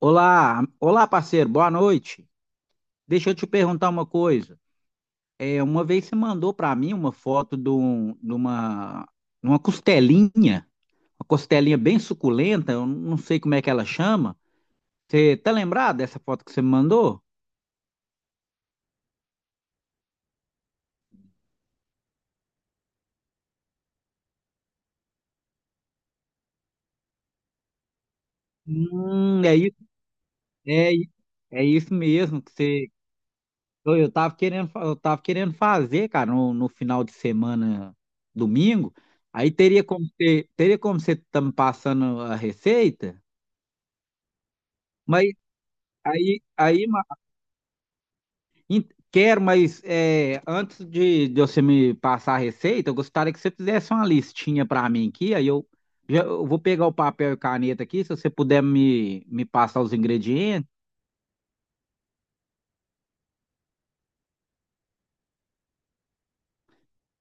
Olá, olá parceiro, boa noite. Deixa eu te perguntar uma coisa. Uma vez você mandou para mim uma foto de uma costelinha bem suculenta, eu não sei como é que ela chama. Você tá lembrado dessa foto que você me mandou? É isso, é, i- é isso mesmo que você. Eu tava querendo, eu tava querendo fazer, cara, no final de semana, domingo. Aí teria como você tá me passando a receita? Aí, aí ma- Quero, mas é, de você me passar a receita, eu gostaria que você fizesse uma listinha para mim aqui. Eu vou pegar o papel e caneta aqui, se você puder me passar os ingredientes.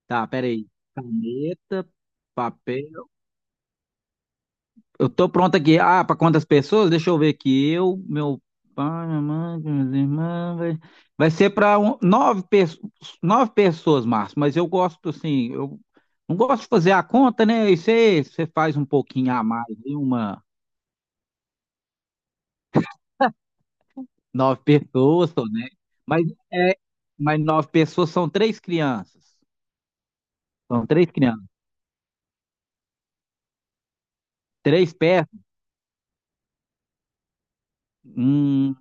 Tá, peraí. Caneta, papel. Eu tô pronto aqui. Ah, para quantas pessoas? Deixa eu ver aqui. Eu, meu pai, minha mãe, minhas irmãs. Vai ser para nove, nove pessoas, Márcio. Mas eu gosto, assim, eu não gosto de fazer a conta, né? E você faz um pouquinho a mais, hein? Uma nove pessoas, tô, né? Mas, é, mas nove pessoas são três crianças. São três crianças. Três pés. Hum,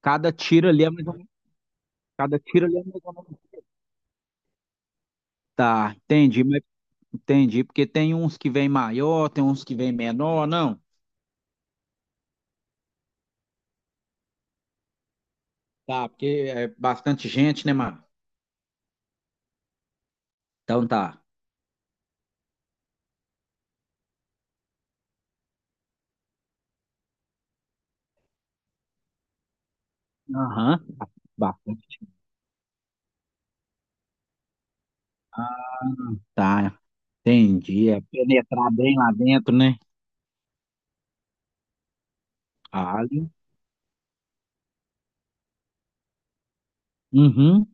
cada tiro ali é mais ou menos. Cada tiro ali é mais ou menos. Tá, entendi. Entendi, porque tem uns que vem maior, tem uns que vem menor, não? Tá, porque é bastante gente, né, mano? Então tá. Aham, bastante. Ah, tá, entendi. É penetrar bem lá dentro, né? Alho. Uhum.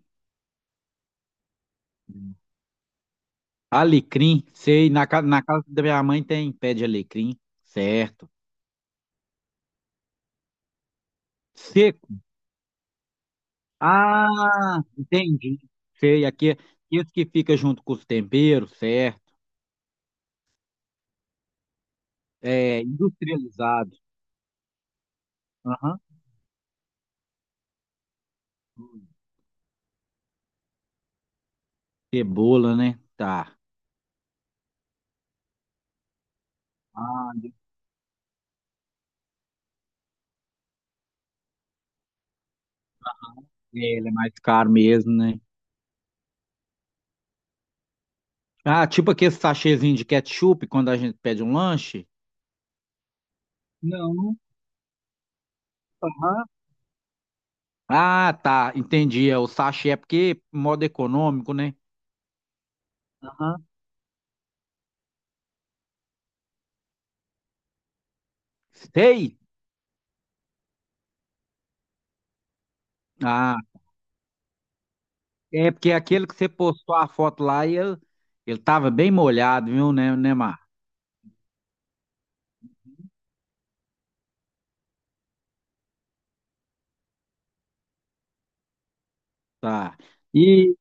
Alecrim, sei, na casa da minha mãe tem pé de alecrim, certo. Seco. Ah, entendi. Sei, aqui esse que fica junto com os temperos, certo. É, industrializado. Aham. Cebola, né? Tá. Ah, ele é mais caro mesmo, né? Ah, tipo aquele sachêzinho de ketchup quando a gente pede um lanche? Não, aham. Ah, tá, entendi. É o sachê, é porque modo econômico, né? Aham. Sei. Ah, é porque aquele que você postou a foto lá, e ele tava bem molhado, viu, né, Mar? Tá. E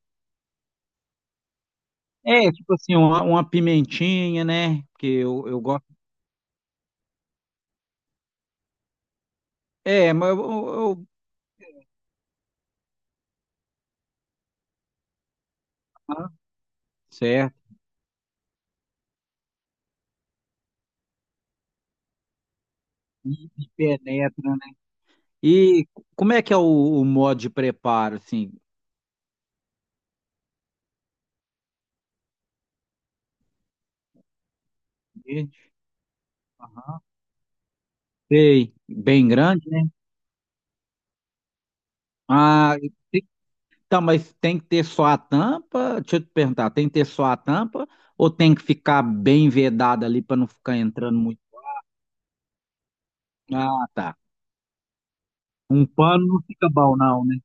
é, tipo assim, uma pimentinha, né? Porque eu gosto. É, mas aham. Certo. E, e penetra, né? E como é que é o modo de preparo, assim? Verde, aham. Sei, bem grande, né? Ah, e tem- tá, mas tem que ter só a tampa? Deixa eu te perguntar, tem que ter só a tampa ou tem que ficar bem vedada ali para não ficar entrando muito? Ah, tá. Um pano não fica bom, não, né?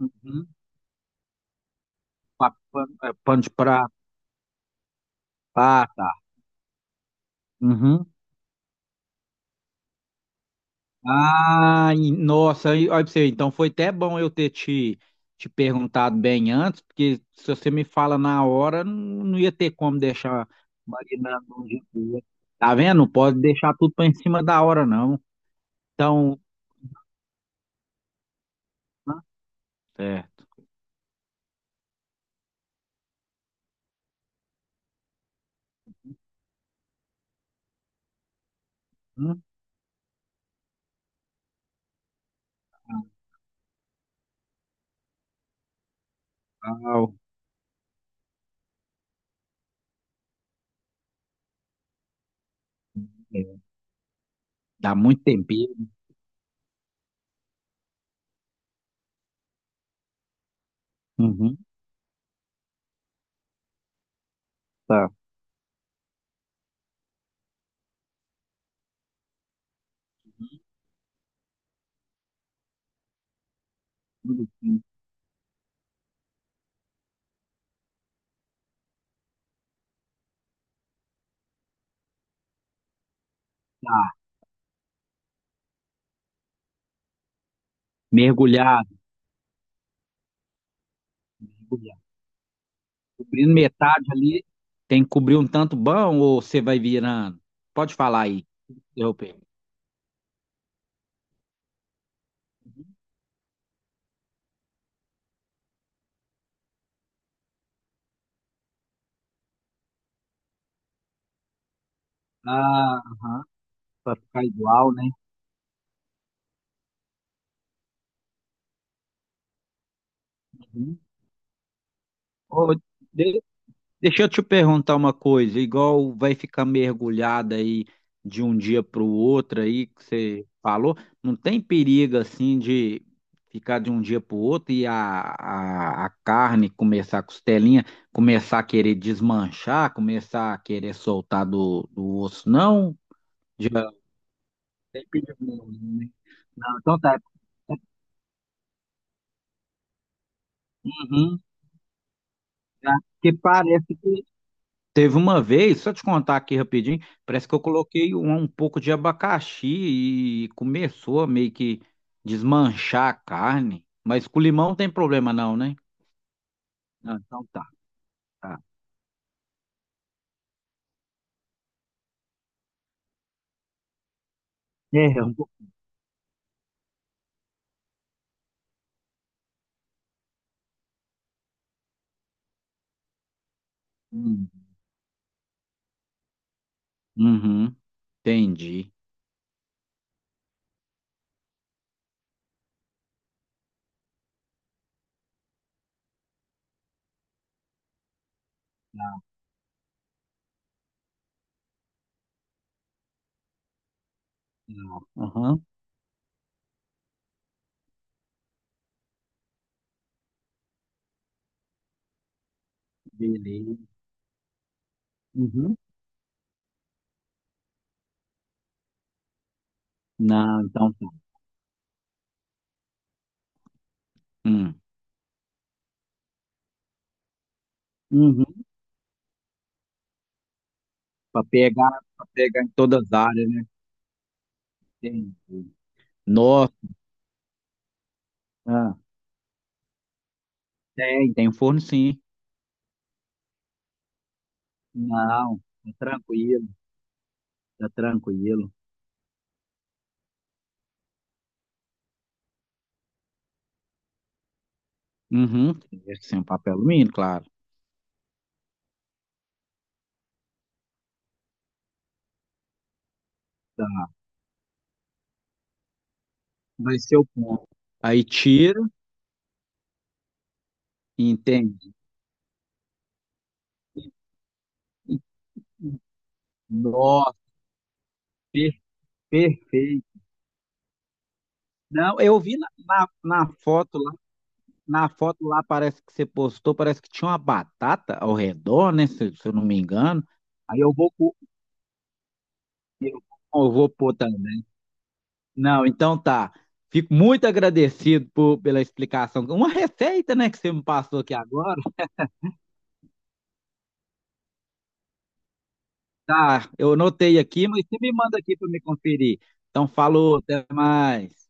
Uhum. Pano, é, pano de prato. Ah, tá. Uhum. Nossa, aí, olha pra você, então foi até bom eu ter te perguntado bem antes, porque se você me fala na hora, não, não ia ter como deixar marinando um dia pro outro. Tá vendo? Não pode deixar tudo pra em cima da hora, não. Então, hã? Certo. Hum, tal. É, dá muito tempero. Uhum, tá. Tudo bem. Tá. Mergulhado, mergulhado. Cobrindo metade ali, tem que cobrir um tanto bom ou você vai virando? Pode falar aí, interromper. Ah, aham. Pra ficar igual, né? Uhum. Ô, de- deixa eu te perguntar uma coisa, igual vai ficar mergulhada aí de um dia para o outro aí que você falou, não tem perigo assim de ficar de um dia para o outro e a carne começar, a costelinha, começar a querer desmanchar, começar a querer soltar do osso, não? Já... Não, tem perigo não, né? Não, então tá. Uhum. Tá. Porque parece que teve uma vez, só te contar aqui rapidinho, parece que eu coloquei um pouco de abacaxi e começou a meio que desmanchar a carne. Mas com limão tem problema não, né? Ah, então tá, tá. É, um pouco. Hum. Uhum, entendi. Aham, beleza. Uhum. Não, então tá. Hum. Uhum. Para pegar, para pegar em todas as áreas, né? Entendi. Nossa, ah, tem, tem um forno sim. Não, tá tranquilo, tá tranquilo. Uhum. Sem o papel alumínio, claro. Tá. Vai ser o ponto. Aí tira, entende? Nossa, per- perfeito. Não, eu vi na foto lá parece que você postou, parece que tinha uma batata ao redor, né? Se eu não me engano. Aí eu vou, pôr- eu, eu vou pôr também. Não, então tá. Fico muito agradecido por, pela explicação. Uma receita, né, que você me passou aqui agora. Tá, eu anotei aqui, mas você me manda aqui para me conferir. Então, falou, até mais.